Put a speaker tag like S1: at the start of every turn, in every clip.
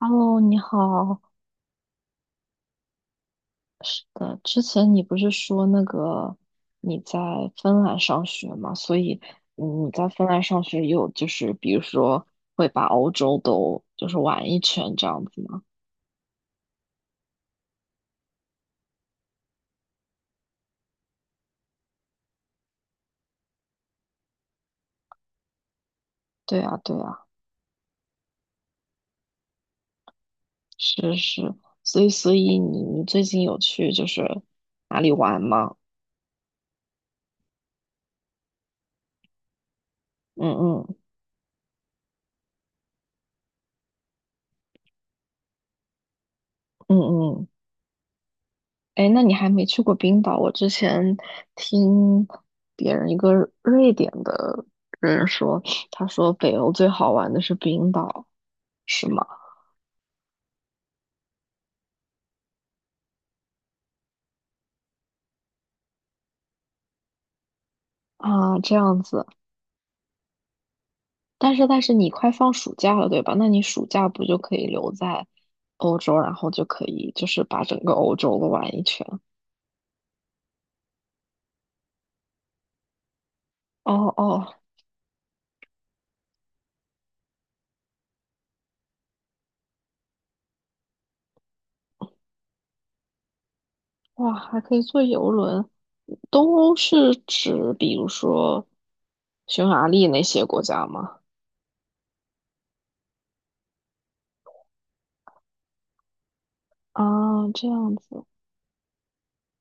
S1: Hello，你好。是的，之前你不是说那个你在芬兰上学吗？所以你在芬兰上学有就是比如说会把欧洲都就是玩一圈这样子吗？对啊，对啊，是是。所以你最近有去就是哪里玩吗？嗯嗯嗯嗯。哎，诶那你还没去过冰岛？我之前听别人一个瑞典的人说，他说北欧最好玩的是冰岛，是吗？啊，这样子。但是你快放暑假了，对吧？那你暑假不就可以留在欧洲，然后就可以就是把整个欧洲都玩一圈？哦哦，哇，还可以坐游轮。东欧是指比如说匈牙利那些国家吗？啊，这样子。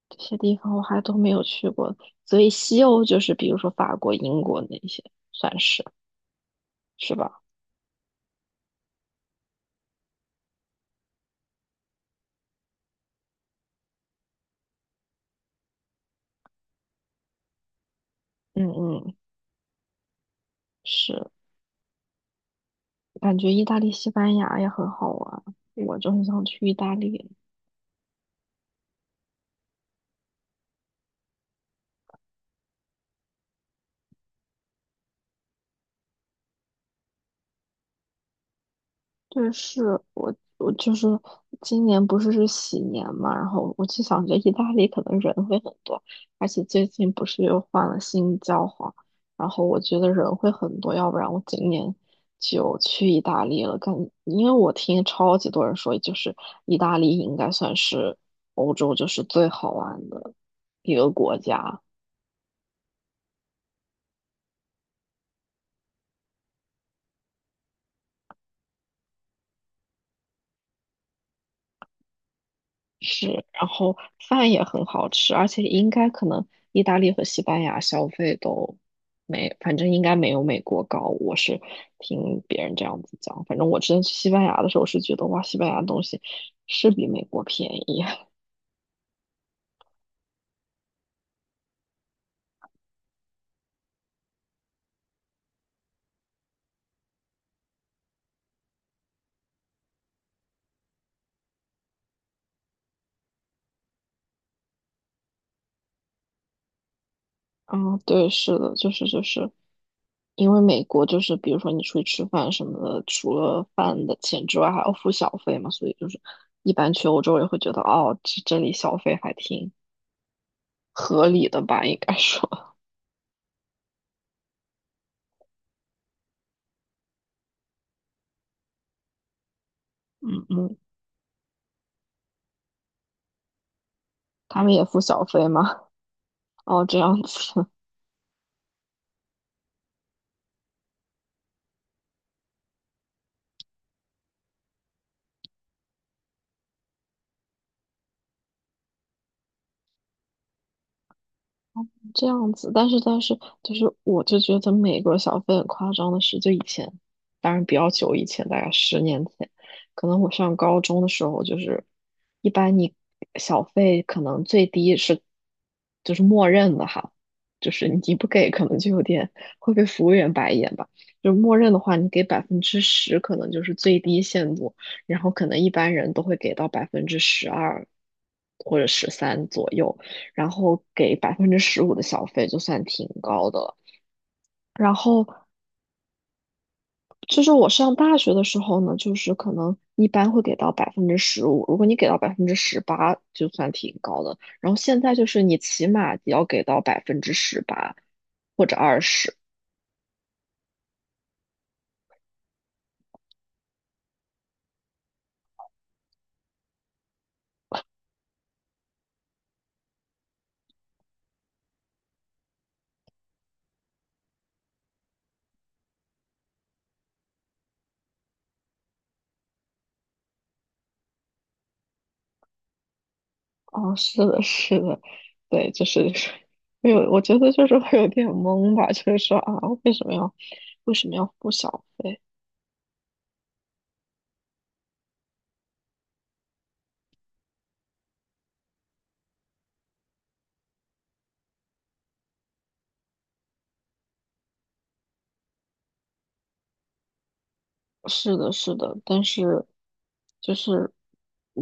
S1: 这些地方我还都没有去过，所以西欧就是比如说法国、英国那些，算是是吧？嗯嗯，是，感觉意大利、西班牙也很好玩，我就很想去意大利。对，是我就是今年不是喜年嘛，然后我就想着意大利可能人会很多，而且最近不是又换了新教皇，然后我觉得人会很多，要不然我今年就去意大利了。因为我听超级多人说，就是意大利应该算是欧洲就是最好玩的一个国家。是，然后饭也很好吃，而且应该可能意大利和西班牙消费都没，反正应该没有美国高。我是听别人这样子讲，反正我之前去西班牙的时候是觉得哇，西班牙的东西是比美国便宜。啊，对，是的，就是，因为美国就是比如说你出去吃饭什么的，除了饭的钱之外还要付小费嘛，所以就是一般去欧洲也会觉得哦，这里消费还挺合理的吧，应该说。嗯嗯。他们也付小费吗？哦，这样子。这样子，但是就是，我就觉得美国小费很夸张的是，就以前，当然比较久以前，大概10年前，可能我上高中的时候，就是一般你小费可能最低是就是默认的哈，就是你不给可能就有点会被服务员白眼吧，就默认的话，你给百分之十可能就是最低限度，然后可能一般人都会给到12%或者13左右。然后给百分之十五的小费，就算挺高的了。然后就是我上大学的时候呢，就是可能一般会给到百分之十五，如果你给到百分之十八，就算挺高的。然后现在就是你起码也要给到百分之十八或者二十。哦，是的，是的，对，就是没有，我觉得就是会有点懵吧，就是说啊，为什么要为什么要付小费？是的，是的，但是就是，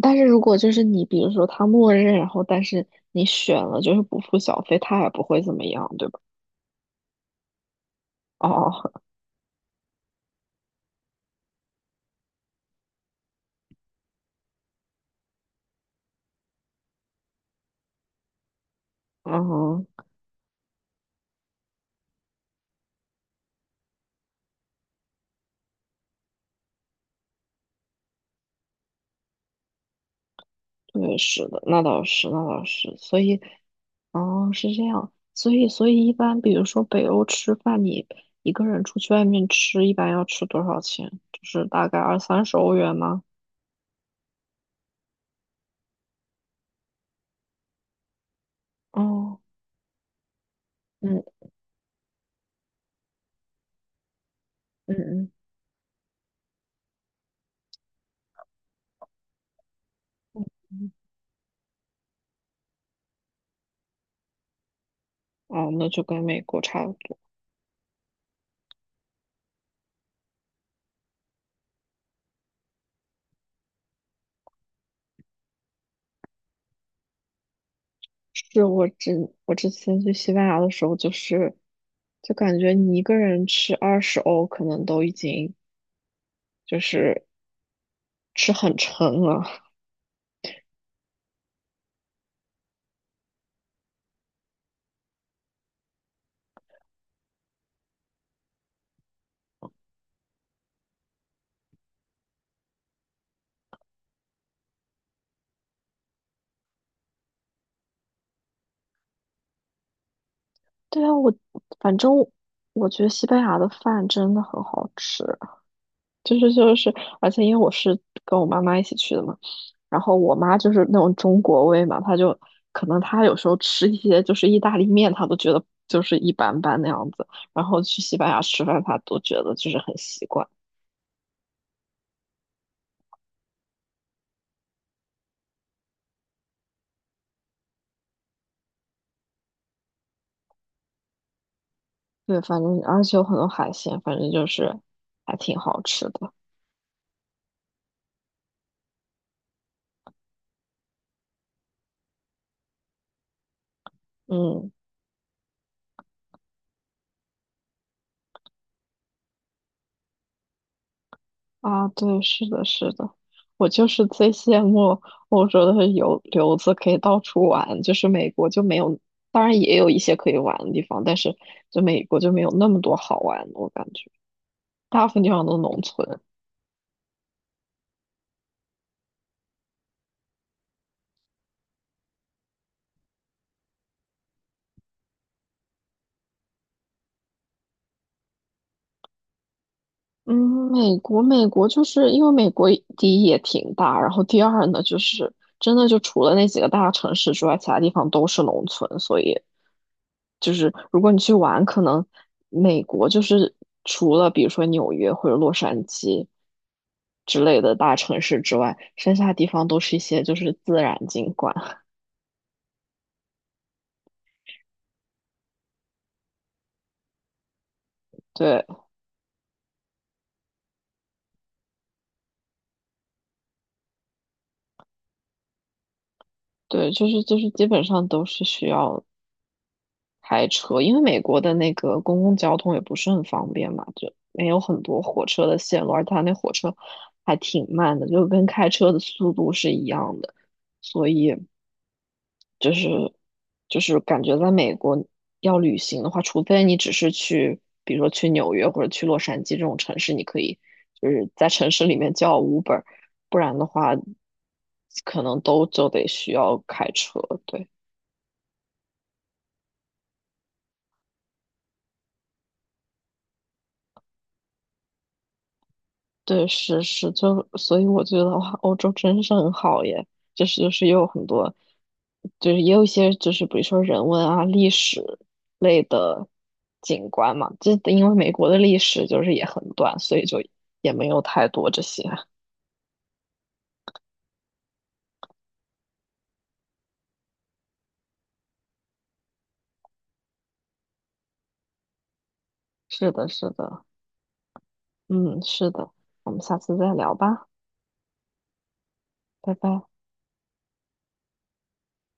S1: 但是如果就是你，比如说他默认，然后但是你选了就是不付小费，他也不会怎么样，对吧？哦，嗯，对，是的，那倒是，那倒是，所以，哦，是这样，所以一般比如说北欧吃饭，你一个人出去外面吃，一般要吃多少钱？就是大概二三十欧元吗？哦，嗯嗯嗯，哦，那就跟美国差不多。是我之前去西班牙的时候，就是就感觉你一个人吃20欧，可能都已经就是吃很撑了。对啊，我反正我觉得西班牙的饭真的很好吃，就是，而且因为我是跟我妈妈一起去的嘛，然后我妈就是那种中国胃嘛，她就可能她有时候吃一些就是意大利面，她都觉得就是一般般那样子，然后去西班牙吃饭，她都觉得就是很习惯。对，反正而且有很多海鲜，反正就是还挺好吃的。嗯，啊，对，是的，是的，我就是最羡慕欧洲的游留子可以到处玩，就是美国就没有，当然也有一些可以玩的地方，但是就美国就没有那么多好玩的，我感觉大部分地方都是农村。嗯，美国就是因为美国第一也挺大，然后第二呢，就是真的就除了那几个大城市之外，其他地方都是农村，所以就是如果你去玩，可能美国就是除了比如说纽约或者洛杉矶之类的大城市之外，剩下地方都是一些就是自然景观，对对，就是基本上都是需要开车，因为美国的那个公共交通也不是很方便嘛，就没有很多火车的线路，而它那火车还挺慢的，就跟开车的速度是一样的，所以就是就是感觉在美国要旅行的话，除非你只是去，比如说去纽约或者去洛杉矶这种城市，你可以就是在城市里面叫 Uber，不然的话可能都就得需要开车，对。对，是是，就所以我觉得哇，欧洲真是很好耶，就是也有很多，就是也有一些就是比如说人文啊、历史类的景观嘛，这因为美国的历史就是也很短，所以就也没有太多这些。是的，是的，嗯，是的，我们下次再聊吧，拜拜。